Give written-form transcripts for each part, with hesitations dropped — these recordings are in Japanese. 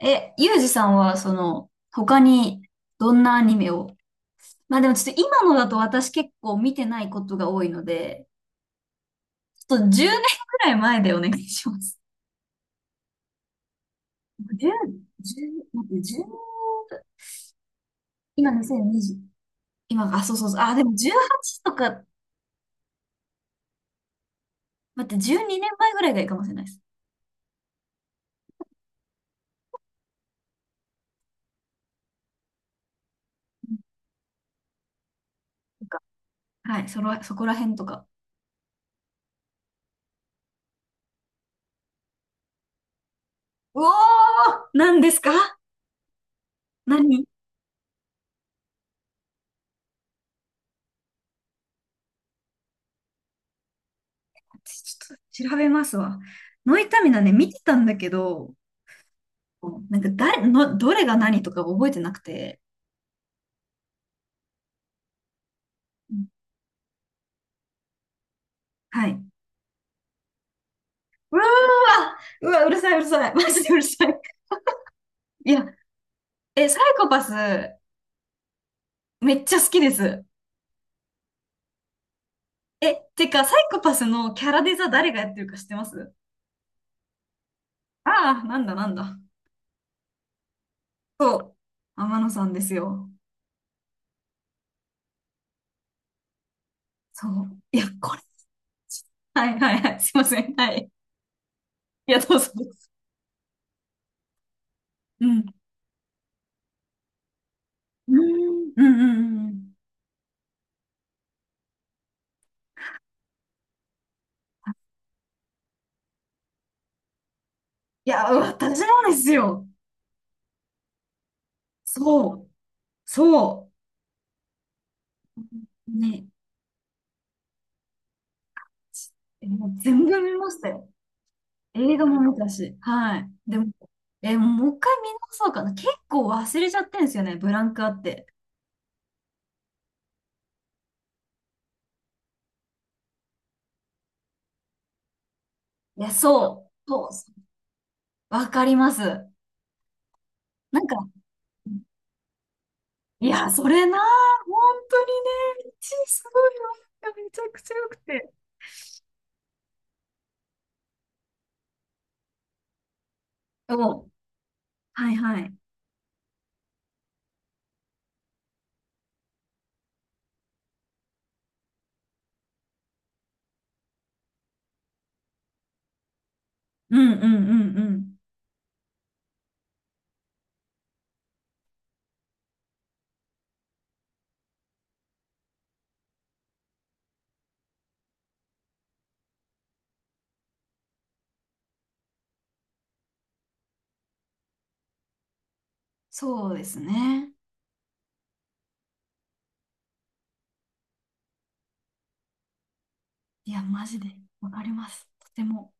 ユージさんは、他にどんなアニメを、まあでもちょっと今のだと私結構見てないことが多いので、ちょっと10年くらい前でお願いします。10、10、待って、10、今2020、今、あ、そうそうそう、あ、でも18とか、待って、12年前ぐらいがいいかもしれないです。なんとか、はい、そこら辺とか。うおー、何ですか？何ちょっと調べますわ。ノイタミナね、見てたんだけど、もうなんか誰の、どれが何とか覚えてなくて。うん、はい。うわー、うわ、うるさい、うるさい。マジでうるさい。いや、サイコパス、めっちゃ好きです。え、てか、サイコパスのキャラデザ誰がやってるか知ってます？ああー、なんだなんだ。そう。天野さんですよ。そう。いや、これ。はいはいはい。すいません。はい。いや、どうぞどうぞ。うん。うーん。うんうんうんうん。いや、私もですよ。そう。そう。ね、えもう全部見ましたよ。映画も見たし。はい。でも、もう一回見直そうかな。結構忘れちゃってんですよね、ブランクあって。いや、そう、そう、そう、わかります。なんか、いや、それな、本当にね、いち、すごいわ。めちゃくちゃ良くて。お、はいはい。うんうんうんうん。そうですね。いや、マジで、わかります。とても。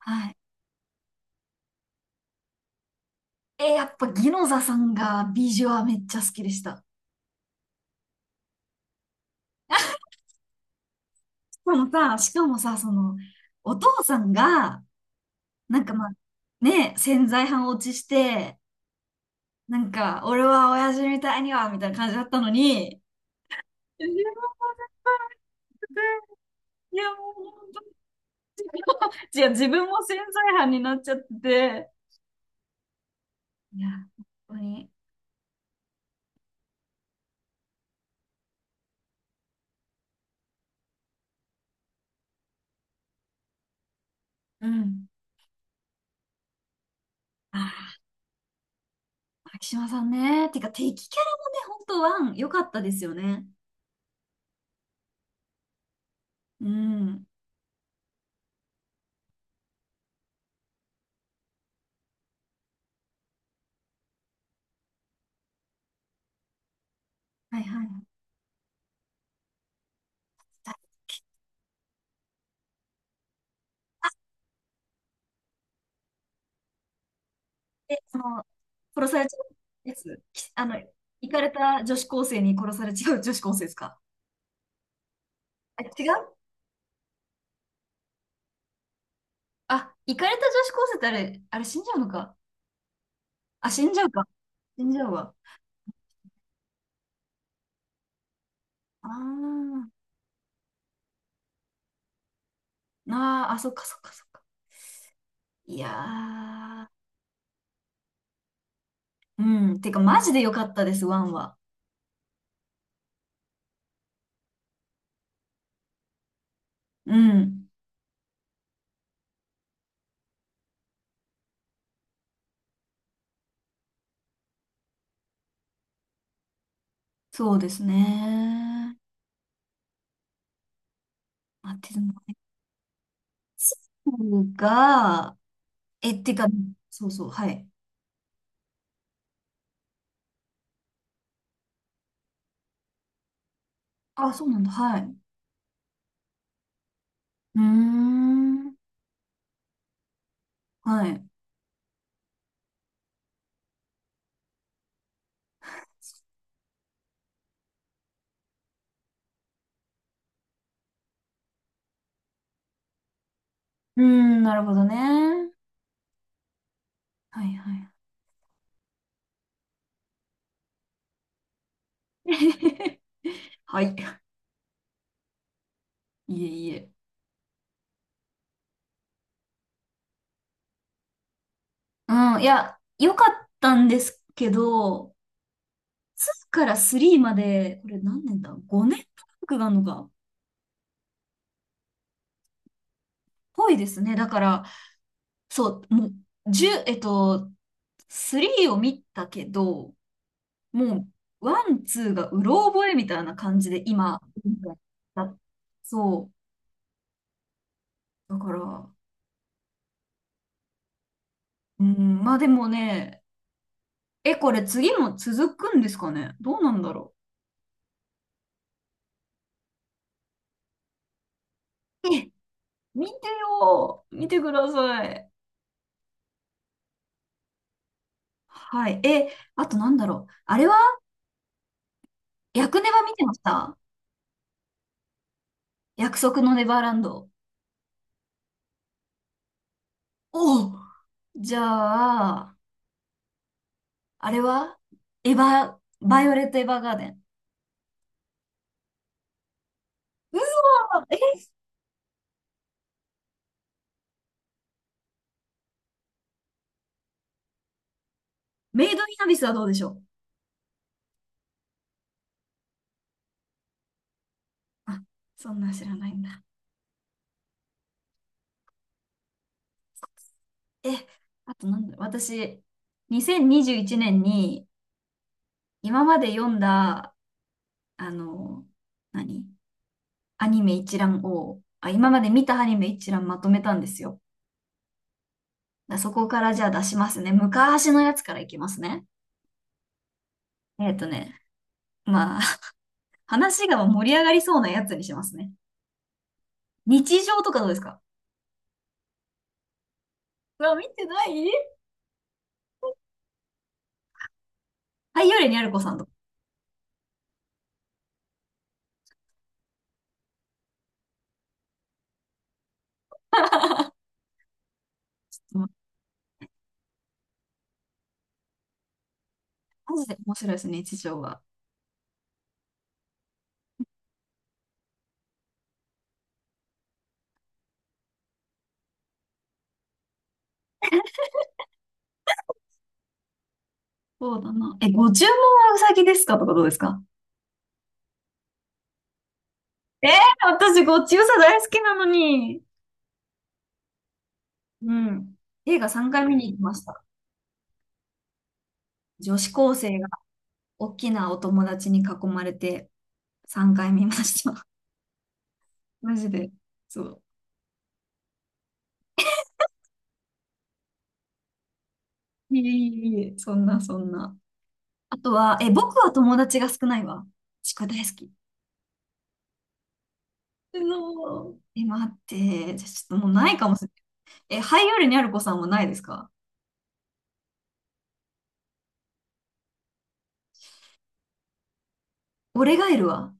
はい。え、やっぱ、ギノザさんがビジュアめっちゃ好きでした。そのさ、しかもさ、お父さんが、なんかまあ、ね、潜在犯落ちして、なんか、俺は親父みたいには、みたいな感じだったのに、いや、いやもう本当、いや、自分も潜在犯になっちゃってて、いや、本当に、うん。ああ、牧島さんね、てか、敵キャラもね、本当ワン、良かったですよね。うん。はいはい。で、殺されちゃうやつ、きあの、行かれた女子高生に殺されちゃう女子高生ですか？あ、違う。あ、行かれた女子高生ってあれ、死んじゃうのか。あ、死んじゃうか。死んじゃうわ。あーあー、あ、そっかそっかそっか。いやー。うん。てか、マジで良かったです、ワンは。うん。そうですね。あ、でも、F が、え、てか、そうそう、はい。あ、そうなんだ、はい。うーん。はい。うーん、なるほどね。はいはい。はい。いえいえ。うん、いや、良かったんですけど、2から3まで、これ何年だ？ 5 年ブランクがあるのか。ぽいですね。だから、そう、もう、1、えっと、3を見たけど、もう、ワン、ツーがうろ覚えみたいな感じで、今、だそう。だから、うん、まあでもね、え、これ次も続くんですかね、どうなんだろう？え、見てよー。見てください。はい。え、あとなんだろう。あれは薬ネバ見てました？約束のネバーランド。おう、じゃあ、あれはエヴァ、バイオレット・エヴァーガーデン。うわー、え、メイド・イン・アビスはどうでしょう？あ、そんなん知らないんだ。え、あとなんだろう。私、2021年にじゅういちねんに今まで読んだ、あの、何アニメ一覧を、あ、今まで見たアニメ一覧まとめたんですよ。だ、そこからじゃあ出しますね。昔のやつからいきますね。えっとね、まあ、話が盛り上がりそうなやつにしますね。日常とかどうですか？うわ、見てない。はい、よりにあるこさんとか。マジで面白いですね、日常は。そうだな。え、ご注文はうさぎですかとかどうですか？えー、私、ご注射大好きなのに。うん。映画3回見に行きました。女子高生が大きなお友達に囲まれて3回見ました。マジで。そう。いえいえいえ、そんなそんな。あとは、え、僕は友達が少ないわ。ちく大好き。うのーえ、待って。じゃ、ちょっともうないかもしれない。え、ハイオールにある子さんもないですか？俺がいるわ。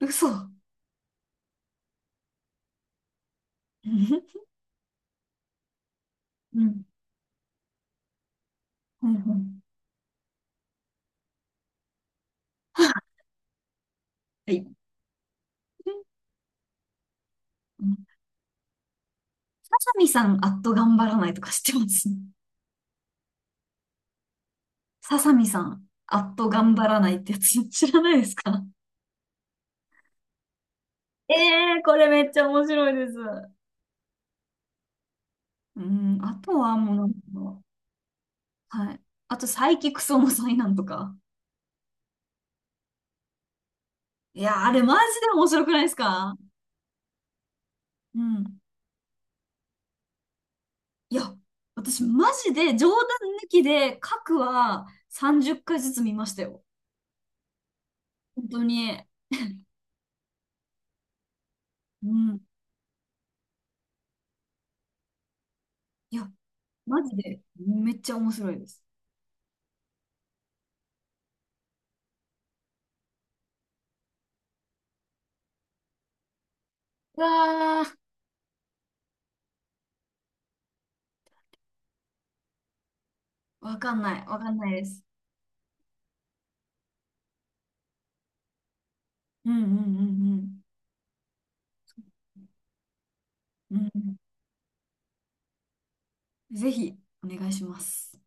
嘘。うん。うん。うんうん、はい。うん。ささみさん、あっと頑張らないとか知ってます？ささみさん、あっと頑張らないってやつ知らないですか？ええー、これめっちゃ面白いです。うん、あとはもうなんか、はい。あと、サイキクソの災難とか。いや、あれマジで面白くないですか？うん。いや、私マジで冗談抜きで、各は30回ずつ見ましたよ。本当に。うん。いや、マジでめっちゃ面白いです。うわー、わかんない。わかんないです。うんうんうんうん。うん、ぜひ、お願いします。